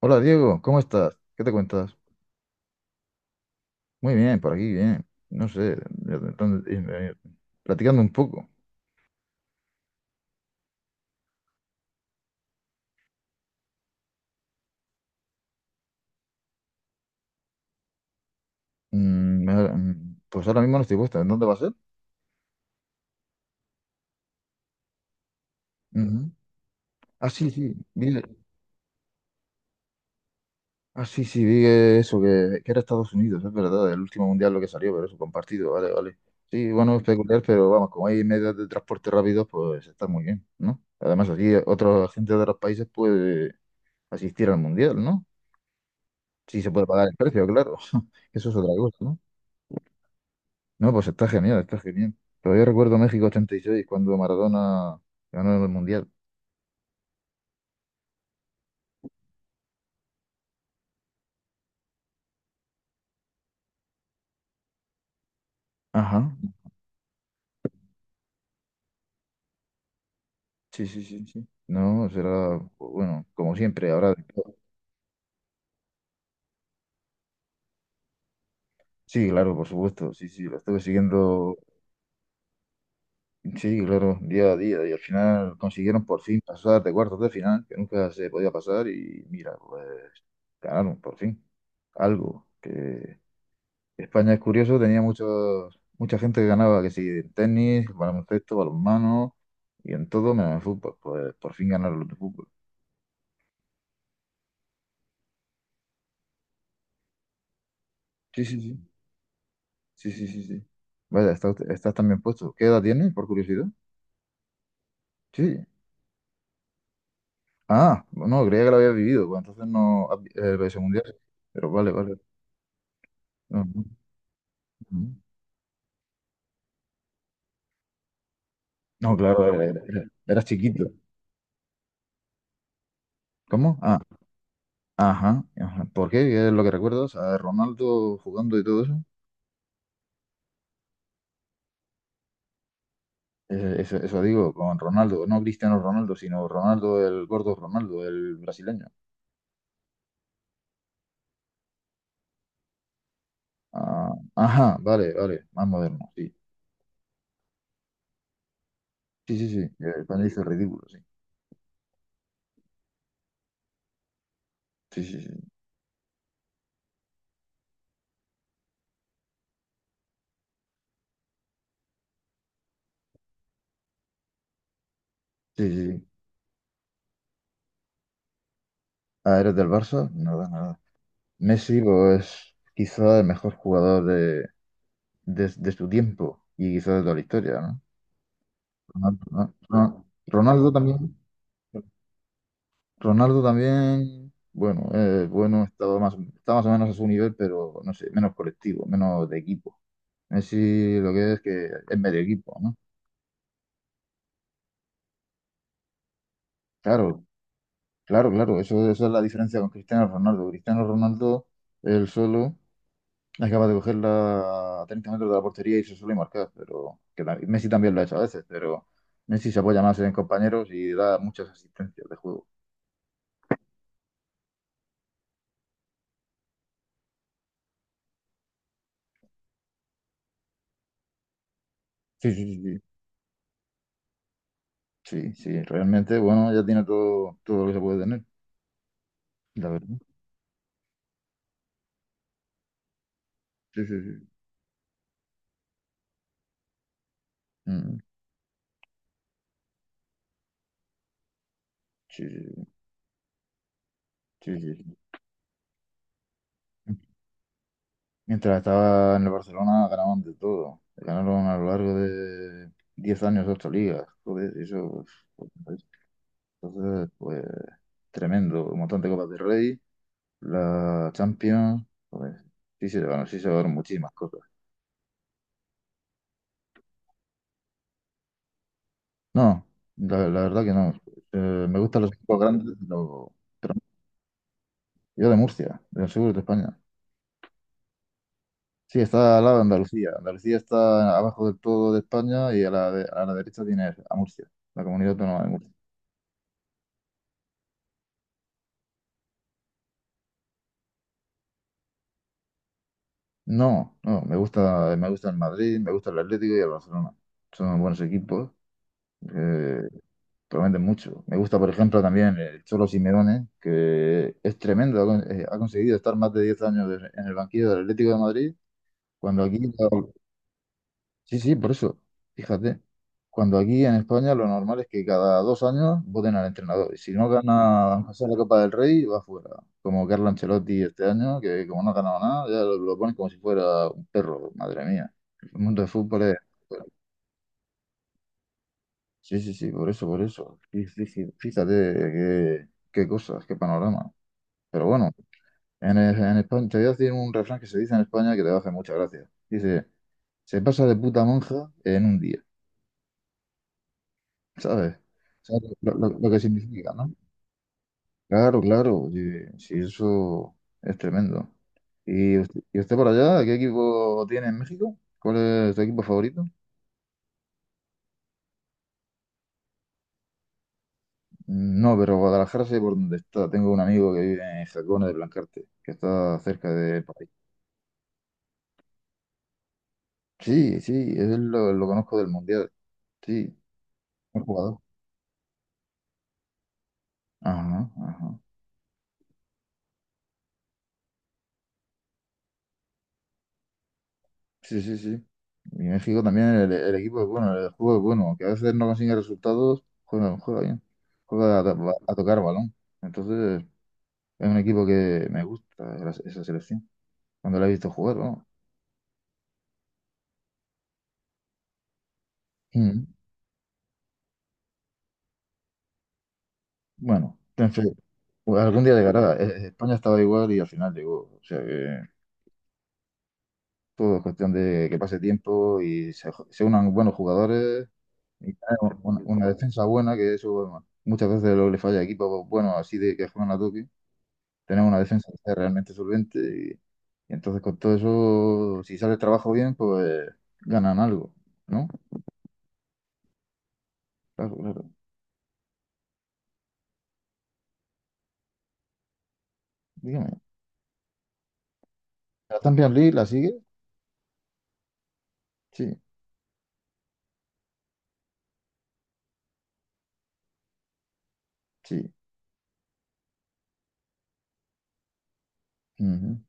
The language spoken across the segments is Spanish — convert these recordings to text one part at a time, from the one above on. Hola Diego, ¿cómo estás? ¿Qué te cuentas? Muy bien, por aquí, bien. No sé, platicando un poco. Pues ahora mismo no estoy puesto. ¿En dónde va a ser? Ujú. Ah, sí, sí. Ah, sí, sí, vi eso, que era Estados Unidos, es verdad, el último mundial lo que salió, pero eso, compartido, vale, vale. Sí, bueno, es peculiar, pero vamos, como hay medios de transporte rápidos, pues está muy bien, ¿no? Además, aquí otros agentes de otros países puede asistir al mundial, ¿no? Sí, se puede pagar el precio, claro. Eso es otra cosa, ¿no? No, pues está genial, está genial. Todavía recuerdo México 86 cuando Maradona ganó el Mundial. Ajá. Sí, sí, sí, sí. No, será, bueno, como siempre, ahora. Sí, claro, por supuesto. Sí, sí, lo estuve siguiendo, sí, claro, día a día. Y al final consiguieron por fin pasar de cuartos de final, que nunca se podía pasar. Y mira, pues ganaron por fin. Algo que España es curioso, tenía mucha gente que ganaba, que sí, en tenis, baloncesto, balonmano y en todo menos en fútbol. Pues por fin ganaron los de fútbol. Sí, sí, sí, sí, sí, sí, sí. Vaya, estás también puesto. ¿Qué edad tienes, por curiosidad? Sí. Ah, no, creía que lo había vivido, pues entonces no, has el beso mundial. Pero vale, vale. No, no, no. No, claro, eras chiquito. ¿Cómo? Ah, ajá, ajá. ¿Por qué? ¿Qué es lo que recuerdas? A Ronaldo jugando y todo eso. Eso, eso digo, con Ronaldo, no Cristiano Ronaldo, sino Ronaldo, el gordo Ronaldo, el brasileño. Ah, ajá, vale, vale, más moderno, sí. Sí, sí, sí, el español hizo el ridículo, sí. Sí, sí, sí. Sí, sí, sí. Ah, ¿eres del Barça? Nada, nada. Messi, pues, es quizá el mejor jugador de su tiempo y quizá de toda la historia, ¿no? Ronaldo, ¿no? Ronaldo también. Ronaldo también, bueno, está más o menos a su nivel, pero no sé, menos colectivo, menos de equipo. Messi lo que es medio equipo, ¿no? Claro, claro, claro, eso es la diferencia con Cristiano Ronaldo. Cristiano Ronaldo, él solo, acaba de cogerla a 30 metros de la portería y se suele marcar, pero que Messi también lo ha hecho a veces, pero Messi se apoya más en compañeros y da muchas asistencias de juego. Sí, sí, sí, sí, sí, sí, realmente, bueno, ya tiene todo, todo lo que se puede tener, la verdad. Sí, sí, sí. Mm, sí, sí, sí, sí, sí. Mientras estaba en el Barcelona ganaban de todo. Ganaron a lo largo de 10 años ocho ligas. Joder, eso, pues, entonces, pues tremendo. Un montón de Copas del Rey, la Champions. Joder, sí se llevaron muchísimas cosas. No, la verdad que no. Me gustan los equipos grandes, pero yo de Murcia, del sur de España. Sí, está al lado de Andalucía. Andalucía está abajo del todo de España y a la derecha tiene a Murcia, la comunidad autónoma de Murcia. No, no, me gusta el Madrid, me gusta el Atlético y el Barcelona. Son buenos equipos, eh, prometen mucho. Me gusta, por ejemplo, también el Cholo Simeone, que es tremendo, ha conseguido estar más de 10 años en el banquillo del Atlético de Madrid, cuando aquí sí, sí, por eso. Fíjate, cuando aquí en España lo normal es que cada 2 años voten al entrenador. Y si no gana aunque sea la Copa del Rey, va fuera. Como Carlo Ancelotti este año, que como no ha ganado nada, ya lo ponen como si fuera un perro. Madre mía. El mundo del fútbol bueno, sí, sí, sí, por eso, por eso. Sí, sí, sí. Fíjate qué cosas, qué panorama. Pero bueno, en España, te voy a decir un refrán que se dice en España que te va a hacer mucha gracia. Dice, se pasa de puta monja en un día. ¿Sabes? O lo que significa, ¿no? Claro, claro, oye, sí, eso es tremendo. ¿Y usted por allá, qué equipo tiene en México? ¿Cuál es tu equipo favorito? No, pero Guadalajara sé por dónde está. Tengo un amigo que vive en Jacona de Blancarte, que está cerca de por ahí. Sí, sí, él lo conozco del Mundial. Sí, buen jugador. Ajá, ajá. Sí, sí, sí. Y México también, el equipo es bueno, el juego es bueno, que a veces no consigue resultados, juega bien, juega a tocar balón. Entonces, es un equipo que me gusta esa selección, cuando la he visto jugar, ¿no? Mm. Bueno, en fin, pues algún día llegará. España estaba igual y al final llegó. O sea que todo es cuestión de que pase tiempo y se unan buenos jugadores y tener una defensa buena, que eso bueno, muchas veces lo que le falla a equipos buenos así de que juegan a toque. Tenemos una defensa que sea realmente solvente y entonces con todo eso, si sale el trabajo bien, pues ganan algo, ¿no? Claro, claro. Dígame, ¿la Champions League la sigue? Sí, sí. Ujú.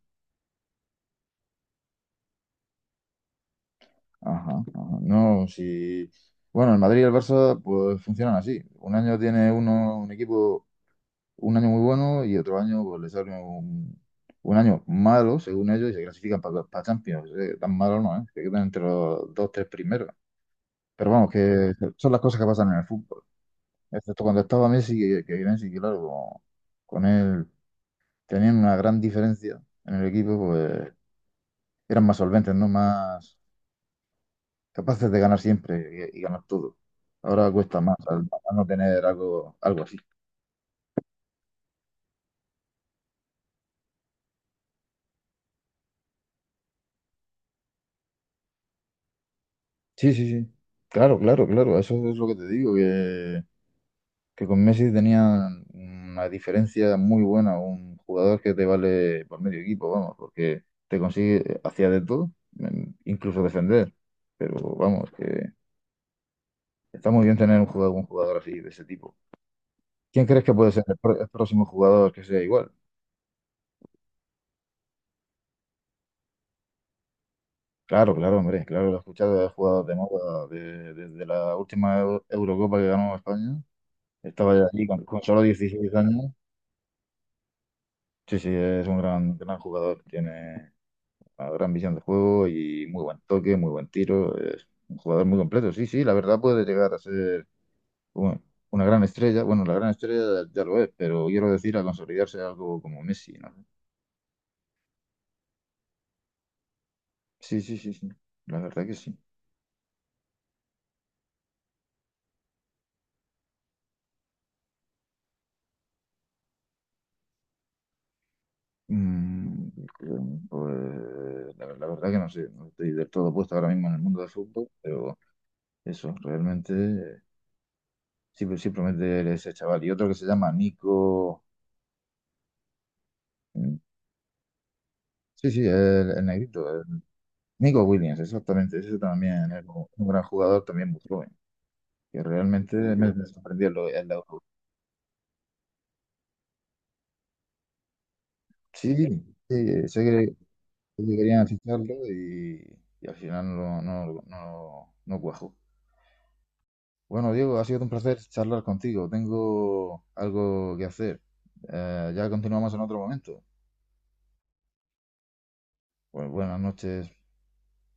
Ajá, ajá. No, si... bueno, el Madrid y el Barça pues funcionan así. Un año tiene uno, un equipo, un año muy bueno y otro año pues le sale un año malo, según ellos, y se clasifican para Champions. Tan malo no, ¿eh? Se quedan entre los dos, tres primeros. Pero vamos, que son las cosas que pasan en el fútbol. Excepto cuando estaba Messi, que Messi, claro, como con él tenían una gran diferencia en el equipo, pues eran más solventes, ¿no? Más capaces de ganar siempre y ganar todo. Ahora cuesta más al no tener algo, algo así. Sí, sí, sí. Claro, claro, claro. Eso es lo que te digo, que con Messi tenían una diferencia muy buena, un jugador que te vale por medio equipo, vamos, porque te consigue, hacía de todo, incluso defender. Pero vamos, está muy bien tener un jugador así de ese tipo. ¿Quién crees que puede ser el próximo jugador que sea igual? Claro, claro, hombre, claro, lo he escuchado, he jugado de moda desde la última Eurocopa que ganó España. Estaba ya allí con solo 16 años. Sí, sí, es un gran, gran jugador, tiene una gran visión de juego y muy buen toque, muy buen tiro. Es un jugador muy completo. Sí, sí, la verdad puede llegar a ser un- una gran estrella. Bueno, la gran estrella ya lo es, pero quiero decir a consolidarse algo como Messi, ¿no? Sí, sí, sí, sí. La verdad que sí. Mm, pues, la verdad que no sé, no estoy del todo puesto ahora mismo en el mundo del fútbol, pero eso, realmente sí, pues sí promete ese chaval. Y otro que se llama Nico. Mm, sí, sí, el negrito, Nico Williams, exactamente. Ese también es un gran jugador, también muy joven. Que realmente me sorprendió el Euro. Sí, sí, sé que, sé que querían ficharlo y al final no, no, no, no cuajó. Bueno, Diego, ha sido un placer charlar contigo. Tengo algo que hacer. Ya continuamos en otro momento. Bueno, buenas noches.